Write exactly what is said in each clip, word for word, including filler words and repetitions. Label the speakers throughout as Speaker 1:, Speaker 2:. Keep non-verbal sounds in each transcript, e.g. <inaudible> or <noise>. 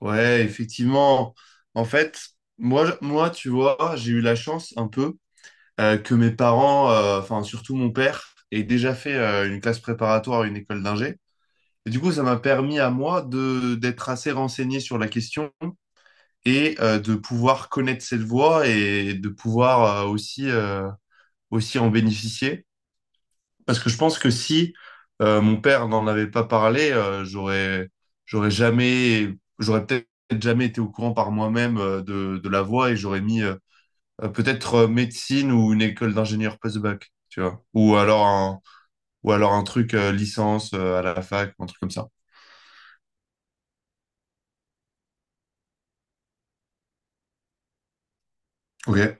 Speaker 1: Ouais, effectivement. En fait, moi, moi, tu vois, j'ai eu la chance un peu euh, que mes parents, euh, enfin surtout mon père, aient déjà fait euh, une classe préparatoire à une école d'ingé. Et du coup, ça m'a permis à moi de d'être assez renseigné sur la question et euh, de pouvoir connaître cette voie et de pouvoir euh, aussi euh, aussi en bénéficier. Parce que je pense que si euh, mon père n'en avait pas parlé, euh, j'aurais, j'aurais jamais, j'aurais peut-être jamais été au courant par moi-même euh, de, de la voie et j'aurais mis euh, euh, peut-être euh, médecine ou une école d'ingénieur post-bac, tu vois. Ou alors un, ou alors un truc euh, licence euh, à la fac, un truc comme ça. Ok.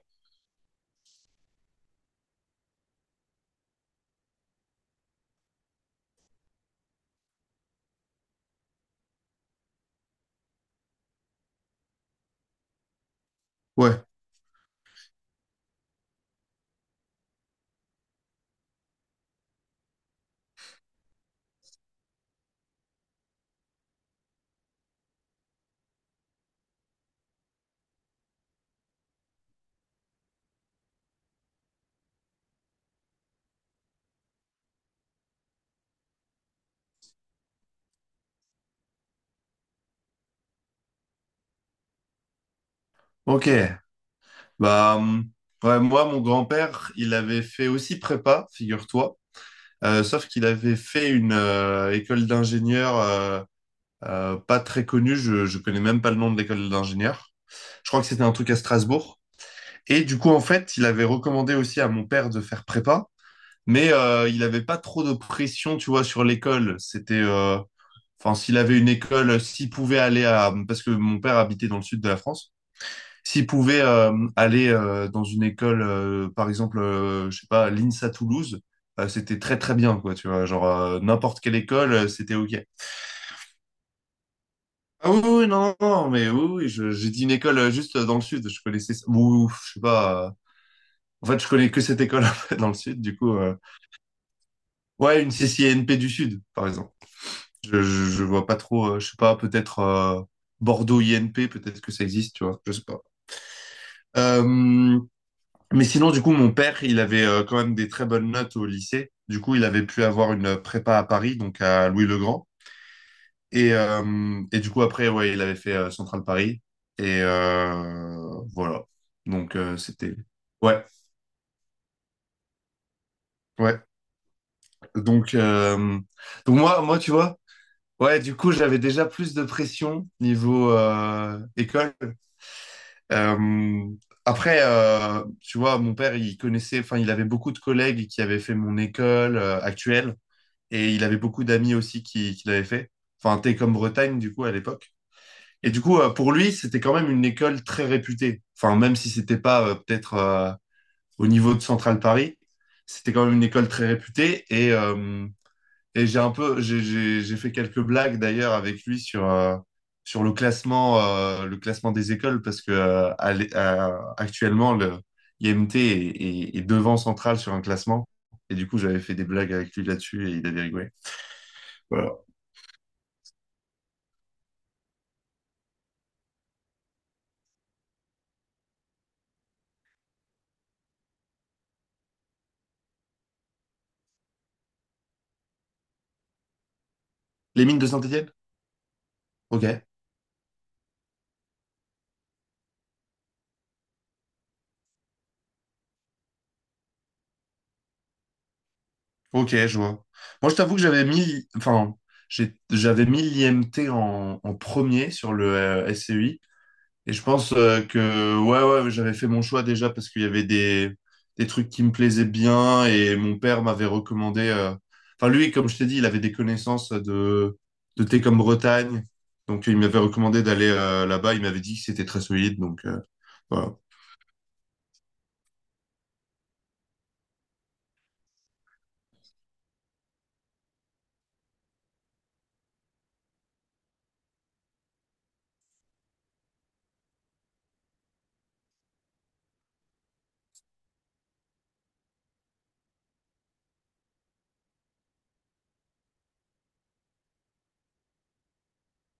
Speaker 1: Ouais. Ok. Bah, hum, ouais, moi, mon grand-père, il avait fait aussi prépa, figure-toi. Euh, sauf qu'il avait fait une euh, école d'ingénieur euh, euh, pas très connu, je, je connais même pas le nom de l'école d'ingénieur. Je crois que c'était un truc à Strasbourg. Et du coup, en fait, il avait recommandé aussi à mon père de faire prépa, mais euh, il n'avait pas trop de pression, tu vois, sur l'école. C'était, euh, enfin, s'il avait une école, s'il pouvait aller à, parce que mon père habitait dans le sud de la France, s'il pouvait euh, aller euh, dans une école, euh, par exemple, euh, je sais pas, l'INSA Toulouse, euh, c'était très très bien, quoi, tu vois, genre euh, n'importe quelle école, euh, c'était OK. Ah oui, oui, non, non, mais oui, oui, je- j'ai dit une école euh, juste euh, dans le sud, je connaissais, ou ou, je sais pas, euh, en fait, je connais que cette école <laughs> en fait, dans le sud, du coup, euh, ouais, une C C N P du sud, par exemple. Je, je, je vois pas trop, euh, je sais pas, peut-être euh, Bordeaux I N P peut-être que ça existe, tu vois, je sais pas. Euh, mais sinon, du coup, mon père, il avait euh, quand même des très bonnes notes au lycée, du coup, il avait pu avoir une prépa à Paris, donc à Louis-le-Grand. Et, euh, et du coup, après, ouais, il avait fait euh, Central Paris. Et euh, voilà. Donc, euh, c'était. Ouais, ouais. Donc, euh, donc moi, moi, tu vois, ouais, du coup, j'avais déjà plus de pression niveau euh, école. Euh, après, euh, tu vois, mon père, il connaissait, enfin, il avait beaucoup de collègues qui avaient fait mon école euh, actuelle. Et il avait beaucoup d'amis aussi qui, qui l'avaient fait. Enfin, Télécom Bretagne, du coup, à l'époque. Et du coup, euh, pour lui, c'était quand même une école très réputée. Enfin, même si c'était pas euh, peut-être euh, au niveau de Central Paris, c'était quand même une école très réputée. Et, euh, et j'ai un peu, j'ai, j'ai, j'ai fait quelques blagues d'ailleurs avec lui sur, euh, sur le classement, euh, le classement des écoles parce que euh, à l'é- à- actuellement, le I M T est, est- est devant Central sur un classement. Et du coup, j'avais fait des blagues avec lui là-dessus et il avait rigolé. Voilà. Les mines de Saint-Étienne? Ok. Ok, je vois. Moi, je t'avoue que j'avais mis, enfin, j'ai- j'avais mis l'I M T en, en premier sur le euh, S C I. Et je pense euh, que, ouais, ouais, j'avais fait mon choix déjà parce qu'il y avait des, des trucs qui me plaisaient bien et mon père m'avait recommandé. euh, Enfin, lui, comme je t'ai dit, il avait des connaissances de, de thé comme Bretagne. Donc, il m'avait recommandé d'aller euh, là-bas. Il m'avait dit que c'était très solide. Donc, euh, voilà.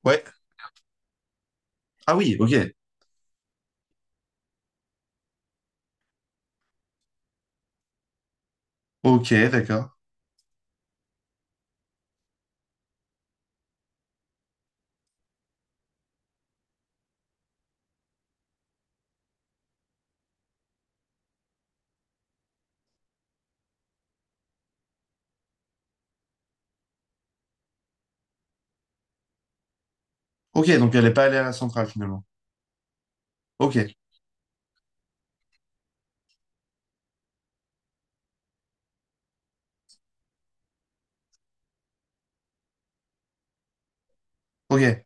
Speaker 1: Ouais. Ah oui, ok. Ok, d'accord. Ok, donc elle n'est pas allée à la centrale finalement. Ok, ok.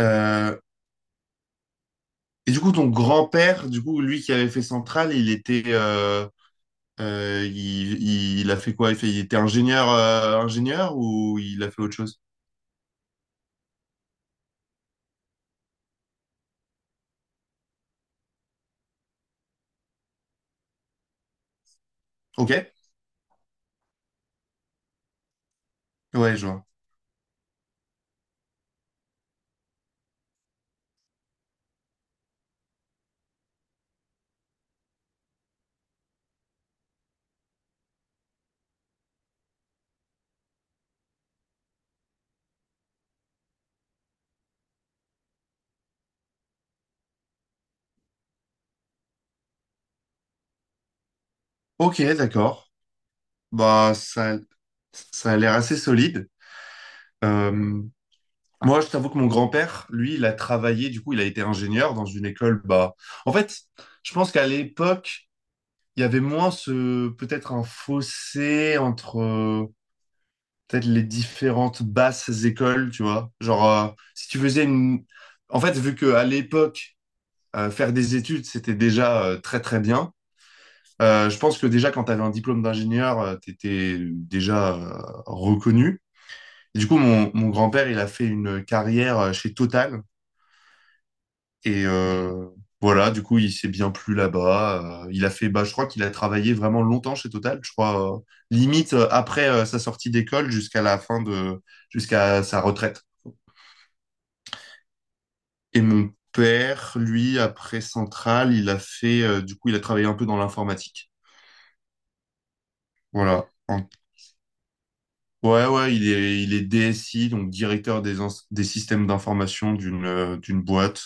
Speaker 1: Euh, et du coup, ton grand-père, du coup, lui qui avait fait Centrale, il était, euh, euh, il, il- il a fait quoi? Il fait, il était ingénieur, euh, ingénieur ou il a fait autre chose? Ok, ouais, je vois. Ok, d'accord. Bah, ça, ça a l'air assez solide. Euh, moi, je t'avoue que mon grand-père, lui, il a travaillé, du coup, il a été ingénieur dans une école. Bah, en fait, je pense qu'à l'époque, il y avait moins ce, peut-être un fossé entre euh, peut-être les différentes basses écoles, tu vois. Genre, euh, si tu faisais une... En fait, vu que à l'époque, euh, faire des études, c'était déjà euh, très, très bien. euh, je pense que déjà, quand tu avais un diplôme d'ingénieur, tu étais déjà euh, reconnu. Et du coup, mon, mon grand-père, il a fait une carrière euh, chez Total. Et euh, voilà, du coup, il s'est bien plu là-bas. Euh, il a fait, bah, je crois qu'il a travaillé vraiment longtemps chez Total. Je crois, euh, limite euh, après euh, sa sortie d'école jusqu'à la fin de, jusqu'à sa retraite. Et mon père, lui, après Centrale, il a fait, euh, du coup, il a travaillé un peu dans l'informatique. Voilà. En- Ouais, ouais, il est, il est D S I, donc directeur des, ins- des systèmes d'information d'une euh, d'une boîte,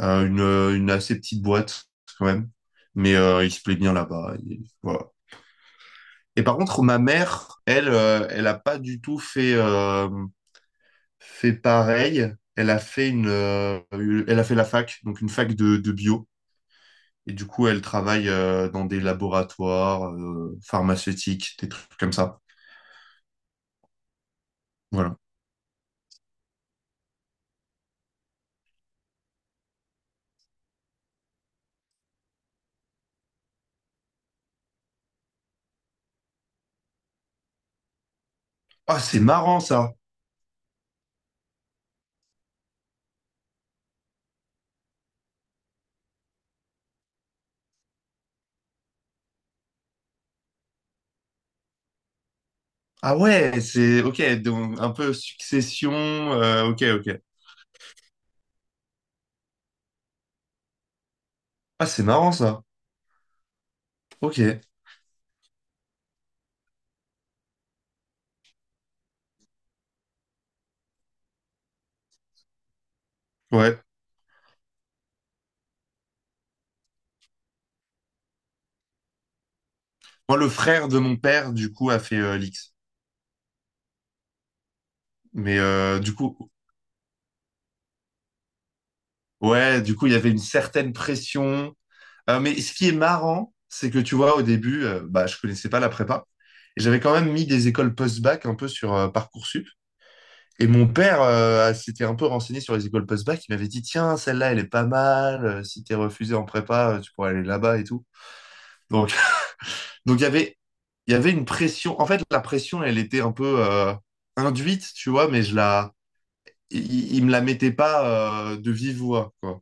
Speaker 1: Euh, une, euh, une assez petite boîte quand même, mais euh, il se plaît bien là-bas. Il- Voilà. Et par contre, ma mère, elle, euh, elle a pas du tout fait, euh, fait pareil. Elle a fait une, euh, une- elle a fait la fac, donc une fac de, de bio. Et du coup, elle travaille euh, dans des laboratoires euh, pharmaceutiques, des trucs comme ça. Voilà. Ah, c'est marrant ça. Ah ouais, c'est ok, donc un peu succession. euh, ok, ok. Ah, c'est marrant ça. Ok, ouais. Moi, le frère de mon père, du coup, a fait euh, l'X. Mais euh, du coup, ouais, du coup, il y avait une certaine pression. Euh, mais ce qui est marrant, c'est que tu vois, au début, euh, bah, je connaissais pas la prépa. Et j'avais quand même mis des écoles post-bac un peu sur euh, Parcoursup. Et mon père euh, s'était un peu renseigné sur les écoles post-bac. Il m'avait dit, tiens, celle-là, elle est pas mal. Euh, Si t'es refusé en prépa, euh, tu pourrais aller là-bas et tout. Donc, <laughs> donc il y avait, il y avait une pression. En fait, la pression, elle était un peu euh, induite, tu vois, mais je la, il, il me la mettait pas euh, de vive voix, quoi.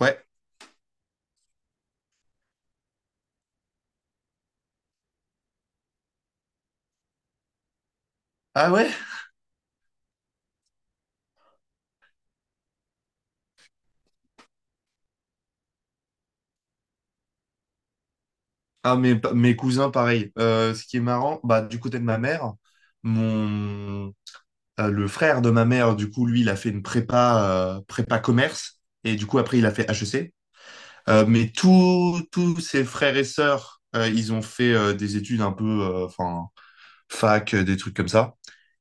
Speaker 1: Ouais. Ah ouais? Ah, mes, pa- mes cousins, pareil. Euh, ce qui est marrant, bah, du côté de ma mère, mon, euh, le frère de ma mère, du coup, lui, il a fait une prépa, euh, prépa commerce. Et du coup, après, il a fait H E C. Euh, mais tous tous ses frères et sœurs, euh, ils ont fait euh, des études un peu, euh, enfin, fac, euh, des trucs comme ça.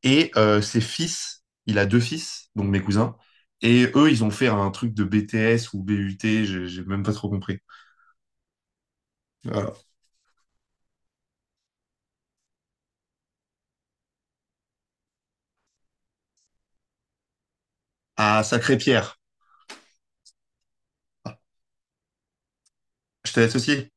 Speaker 1: Et euh, ses fils, il a deux fils, donc mes cousins, et eux, ils ont fait un truc de B T S ou BUT, j'ai j'ai même pas trop compris. Voilà. Ah, Sacré-Pierre. Ah, je te laisse aussi.